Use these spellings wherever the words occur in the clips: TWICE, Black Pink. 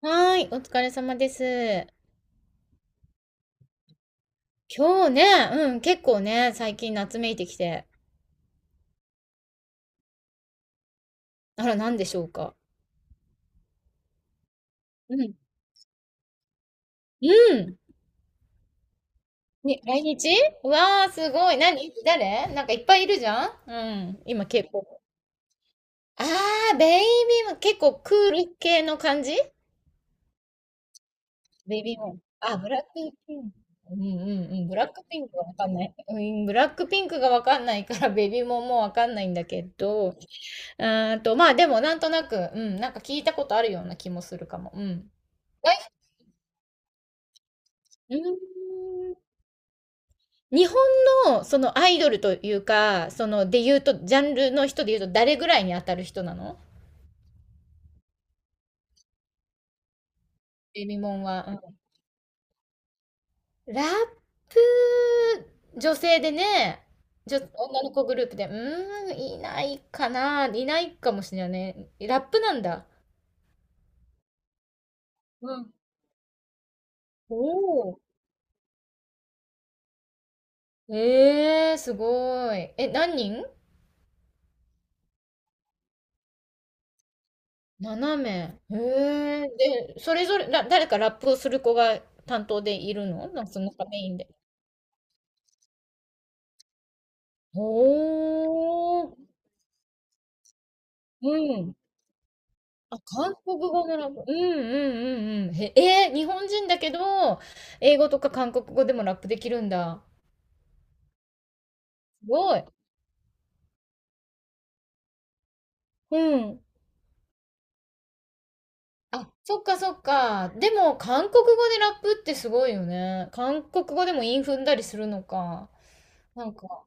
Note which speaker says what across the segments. Speaker 1: はーい、お疲れ様です。今日ね、うん、結構ね、最近夏めいてきて。あら、なんでしょうか。うん。うん。に、来日うわー、すごい。何誰なんかいっぱいいるじゃんうん。今、k 構 o あー、ベイビーも結構クール系の感じベイビーも。あ、ブラックピンク。うんううん。ブラックピンクがわかんない。うん、ブラックピンクがわかんないから、ベイビーももうわかんないんだけど。うーんと、まあでもなんとなく、うん、なんか聞いたことあるような気もするかも。うん。はい。うん。日本のそのアイドルというか、そので言うと、ジャンルの人で言うと誰ぐらいに当たる人なのエミモンは。うん。ラップ、女性でね、女の子グループで、うーん、いないかな、いないかもしれないね。ラップなんだ。うん。おお。ええー、すごい。え、何人斜めへえ。で、それぞれ、ら誰かラップをする子が担当でいるのなんかその中メインで。おー。うん。あ、韓国語のラップ。うん。へ、えー日本人だけど、英語とか韓国語でもラップできるんだ。すごい。うん。あ、そっかそっか。でも、韓国語でラップってすごいよね。韓国語でも韻踏んだりするのか。なんか、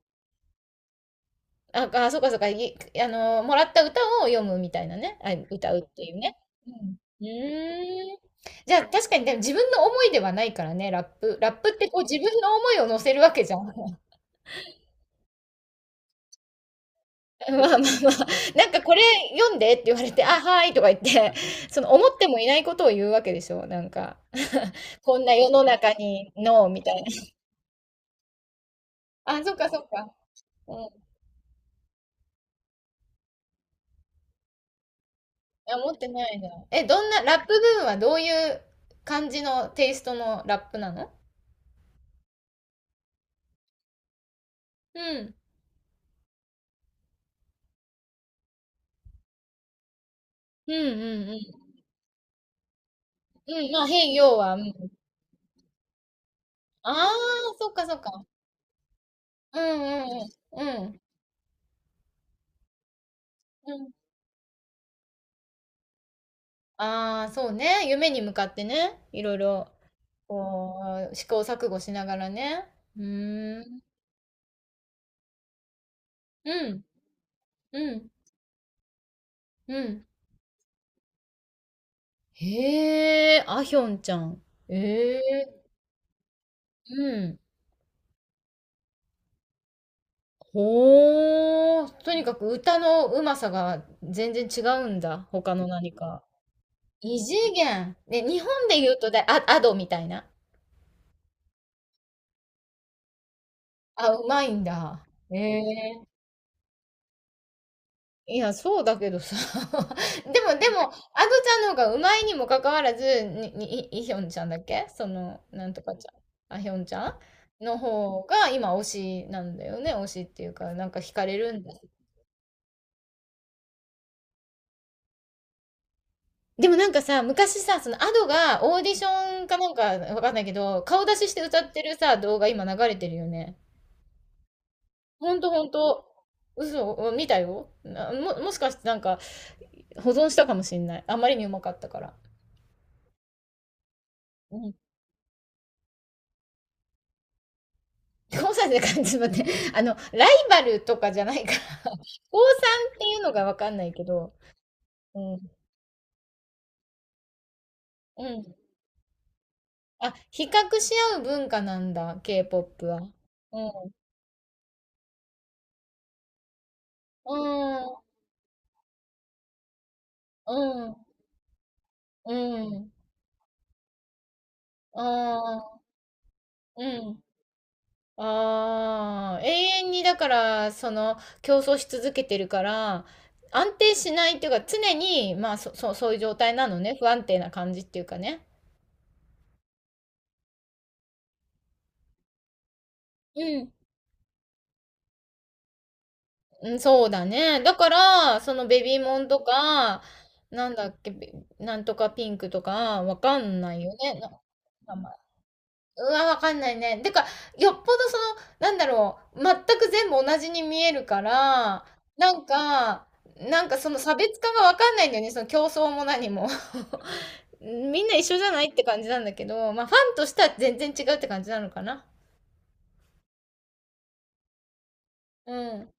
Speaker 1: そうかそうか、い、あの、もらった歌を読むみたいなね。あ、歌うっていうね。うん。うーん。じゃあ確かにでも自分の思いではないからね、ラップ。ラップってこう自分の思いを乗せるわけじゃん。まあ、なんかこれ読んでって言われて、あ、はーいとか言って、その思ってもいないことを言うわけでしょ、なんか。こんな世の中に、ノーみたいな。あ、そっかそっか。うん。あ、持ってないな。え、どんな、ラップ部分はどういう感じのテイストのラップなのうん。うん。うん、まあ、変用は、うん。ああ、そっかそっか。うんううん。うん。うん。ああ、そうね。夢に向かってね。いろいろ、こう、試行錯誤しながらね。うーん。うん。うん。うん。へえ、あひょんちゃん。ええ、うん。ほー。とにかく歌のうまさが全然違うんだ。他の何か。異次元。ね、日本で言うとだ、あ、アドみたいな。あ、うまいんだ。ええ。いや、そうだけどさ。でもでも、アドちゃんの方がうまいにもかかわらず、イイヒョンちゃんだっけその、なんとかちゃん。あ、ヒョンちゃんの方が今推しなんだよね。推しっていうか、なんか惹かれるんだ。でもなんかさ、昔さ、そのアドがオーディションかなんかわかんないけど、顔出しして歌ってるさ、動画今流れてるよね。ほんとほんと。嘘、見たよ。なも、もしかしてなんか保存したかもしんない。あまりにうまかったから。うん。4歳で感じまって、あの、ライバルとかじゃないから、高さんっていうのがわかんないけど、うん。うん。あ、比較し合う文化なんだ、K-POP は。うん。うん。うん。うん。ああ、うん。ああ、永遠にだから、その、競争し続けてるから、安定しないっていうか、常に、まあ、そういう状態なのね。不安定な感じっていうかね。うん。うん、そうだね。だから、そのベビーモンとか、なんだっけ、べなんとかピンクとか、わかんないよね。な名前うわ、わかんないね。てか、よっぽどその、なんだろう、全く全部同じに見えるから、なんか、なんかその差別化がわかんないんだよね。その競争も何も。みんな一緒じゃないって感じなんだけど、まあファンとしては全然違うって感じなのかな。うん。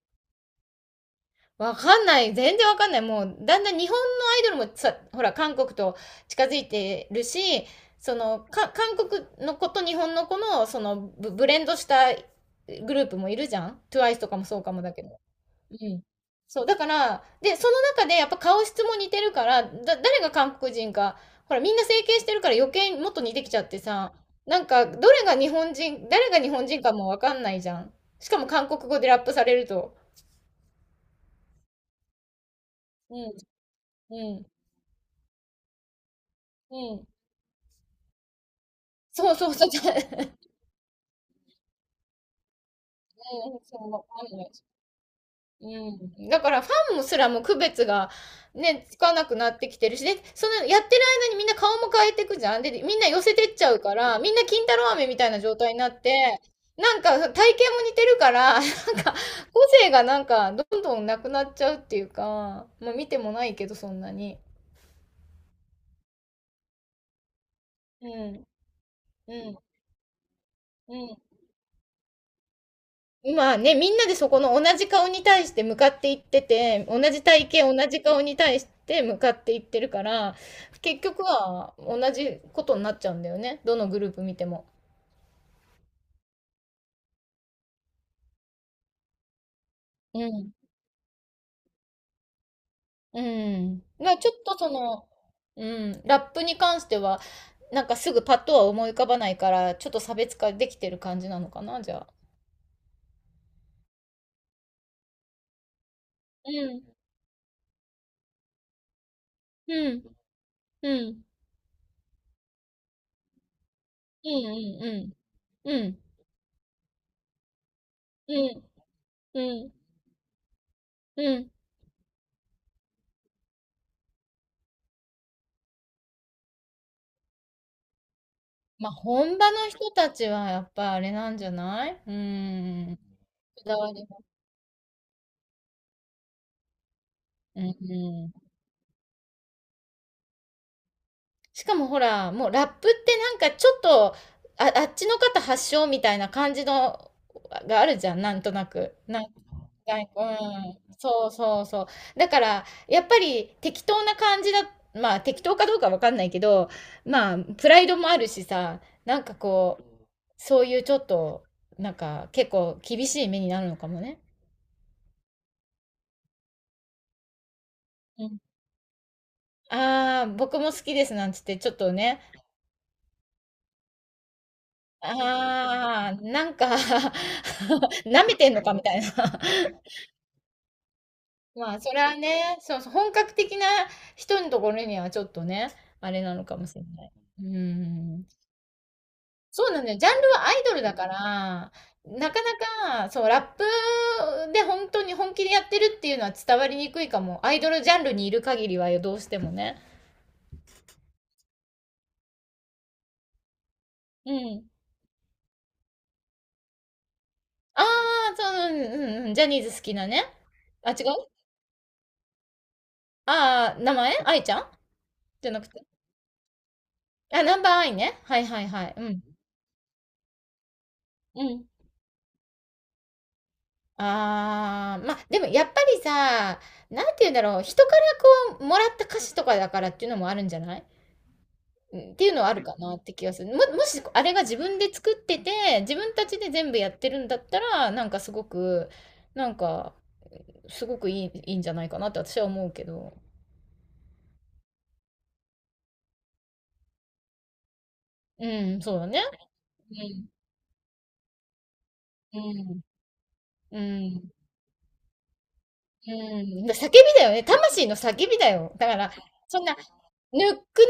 Speaker 1: わかんない。全然わかんない。もう、だんだん日本のアイドルもさ、ほら、韓国と近づいてるし、その、か、韓国の子と日本の子の、その、ブ、ブレンドしたグループもいるじゃん ?TWICE とかもそうかもだけど。うん。そう、だから、で、その中でやっぱ顔質も似てるから、だ、誰が韓国人か、ほら、みんな整形してるから余計にもっと似てきちゃってさ、なんか、どれが日本人、誰が日本人かもわかんないじゃん。しかも韓国語でラップされると。うん、うん、うん。そうそうそう。じゃ うん、そう、わかんないし。うん。だからファンもすらも区別がね、つかなくなってきてるし、で、そのやってる間にみんな顔も変えていくじゃん。で、みんな寄せてっちゃうから、みんな金太郎飴みたいな状態になって、なんか体型も似てるから、なんか個性がなんかどんどんなくなっちゃうっていうか、まあ見てもないけどそんなに。うん。うん。うん。今ね、みんなでそこの同じ顔に対して向かっていってて、同じ体型、同じ顔に対して向かっていってるから、結局は同じことになっちゃうんだよね。どのグループ見ても。うん。うん。まあちょっとその、うん、ラップに関しては、なんかすぐパッとは思い浮かばないから、ちょっと差別化できてる感じなのかな、じゃあ。うん。うん。うん。うん。うん。うん。うん。うん。うん。うんうんまあ、本場の人たちはやっぱあれなんじゃないうーん。こだわりが。うんうん。しかもほら、もうラップってなんかちょっと、あ、あっちの方発祥みたいな感じの、があるじゃん、なんとなく。なんか、うん。そうそうそう。だから、やっぱり適当な感じだ、まあ適当かどうかわかんないけど、まあ、プライドもあるしさ、なんかこう、そういうちょっと、なんか結構厳しい目になるのかもね。ああ、僕も好きですなんつって、ちょっとね、ああ、なんか 舐めてんのかみたいな。まあ、それはね、そうそう、本格的な人のところにはちょっとね、あれなのかもしれない。うん。そうなんだよ。ジャンルはアイドルだから、なかなか、そう、ラップで本当に本気でやってるっていうのは伝わりにくいかも。アイドルジャンルにいる限りはよ、どうしてもね。うん。ああ、そう、うん、うん、うんジャニーズ好きなね。あ、違うああ、名前愛ちゃんじゃなくて。あ、ナンバーアイね。はいはいはい。うん。うん。ああ、まあ、でもやっぱりさ、なんて言うんだろう。人からこう、もらった歌詞とかだからっていうのもあるんじゃないうんっていうのはあるかなって気がする。もしあれが自分で作ってて、自分たちで全部やってるんだったら、なんかすごく、なんか、すごくいい、いいんじゃないかなって私は思うけど。うん、そうだね。うん。うん。うん。うん、叫びだよね。魂の叫びだよ。だから、そんな、ぬっくぬくで育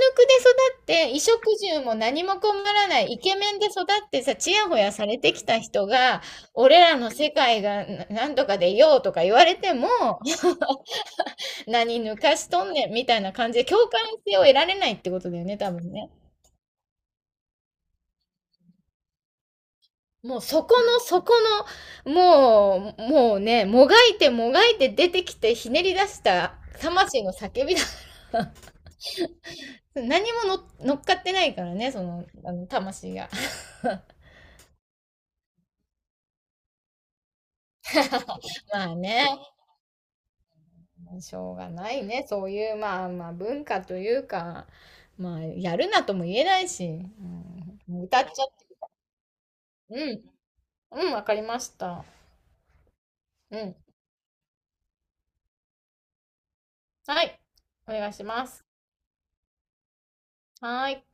Speaker 1: って、衣食住も何も困らない、イケメンで育ってさ、ちやほやされてきた人が、俺らの世界がななんとかでいようとか言われても、何抜かしとんねんみたいな感じで共感性を得られないってことだよね、多分ね。もうそこの、そこの、もう、もうね、もがいてもがいて出てきてひねり出した魂の叫びだ何もの乗っかってないからね、その、あの、魂が。まあね、しょうがないね。そういう、まあまあ、文化というか、まあ、やるなとも言えないし、うん、歌っちゃって。うん、うん、わかりました。うん。はい、お願いします。はーい。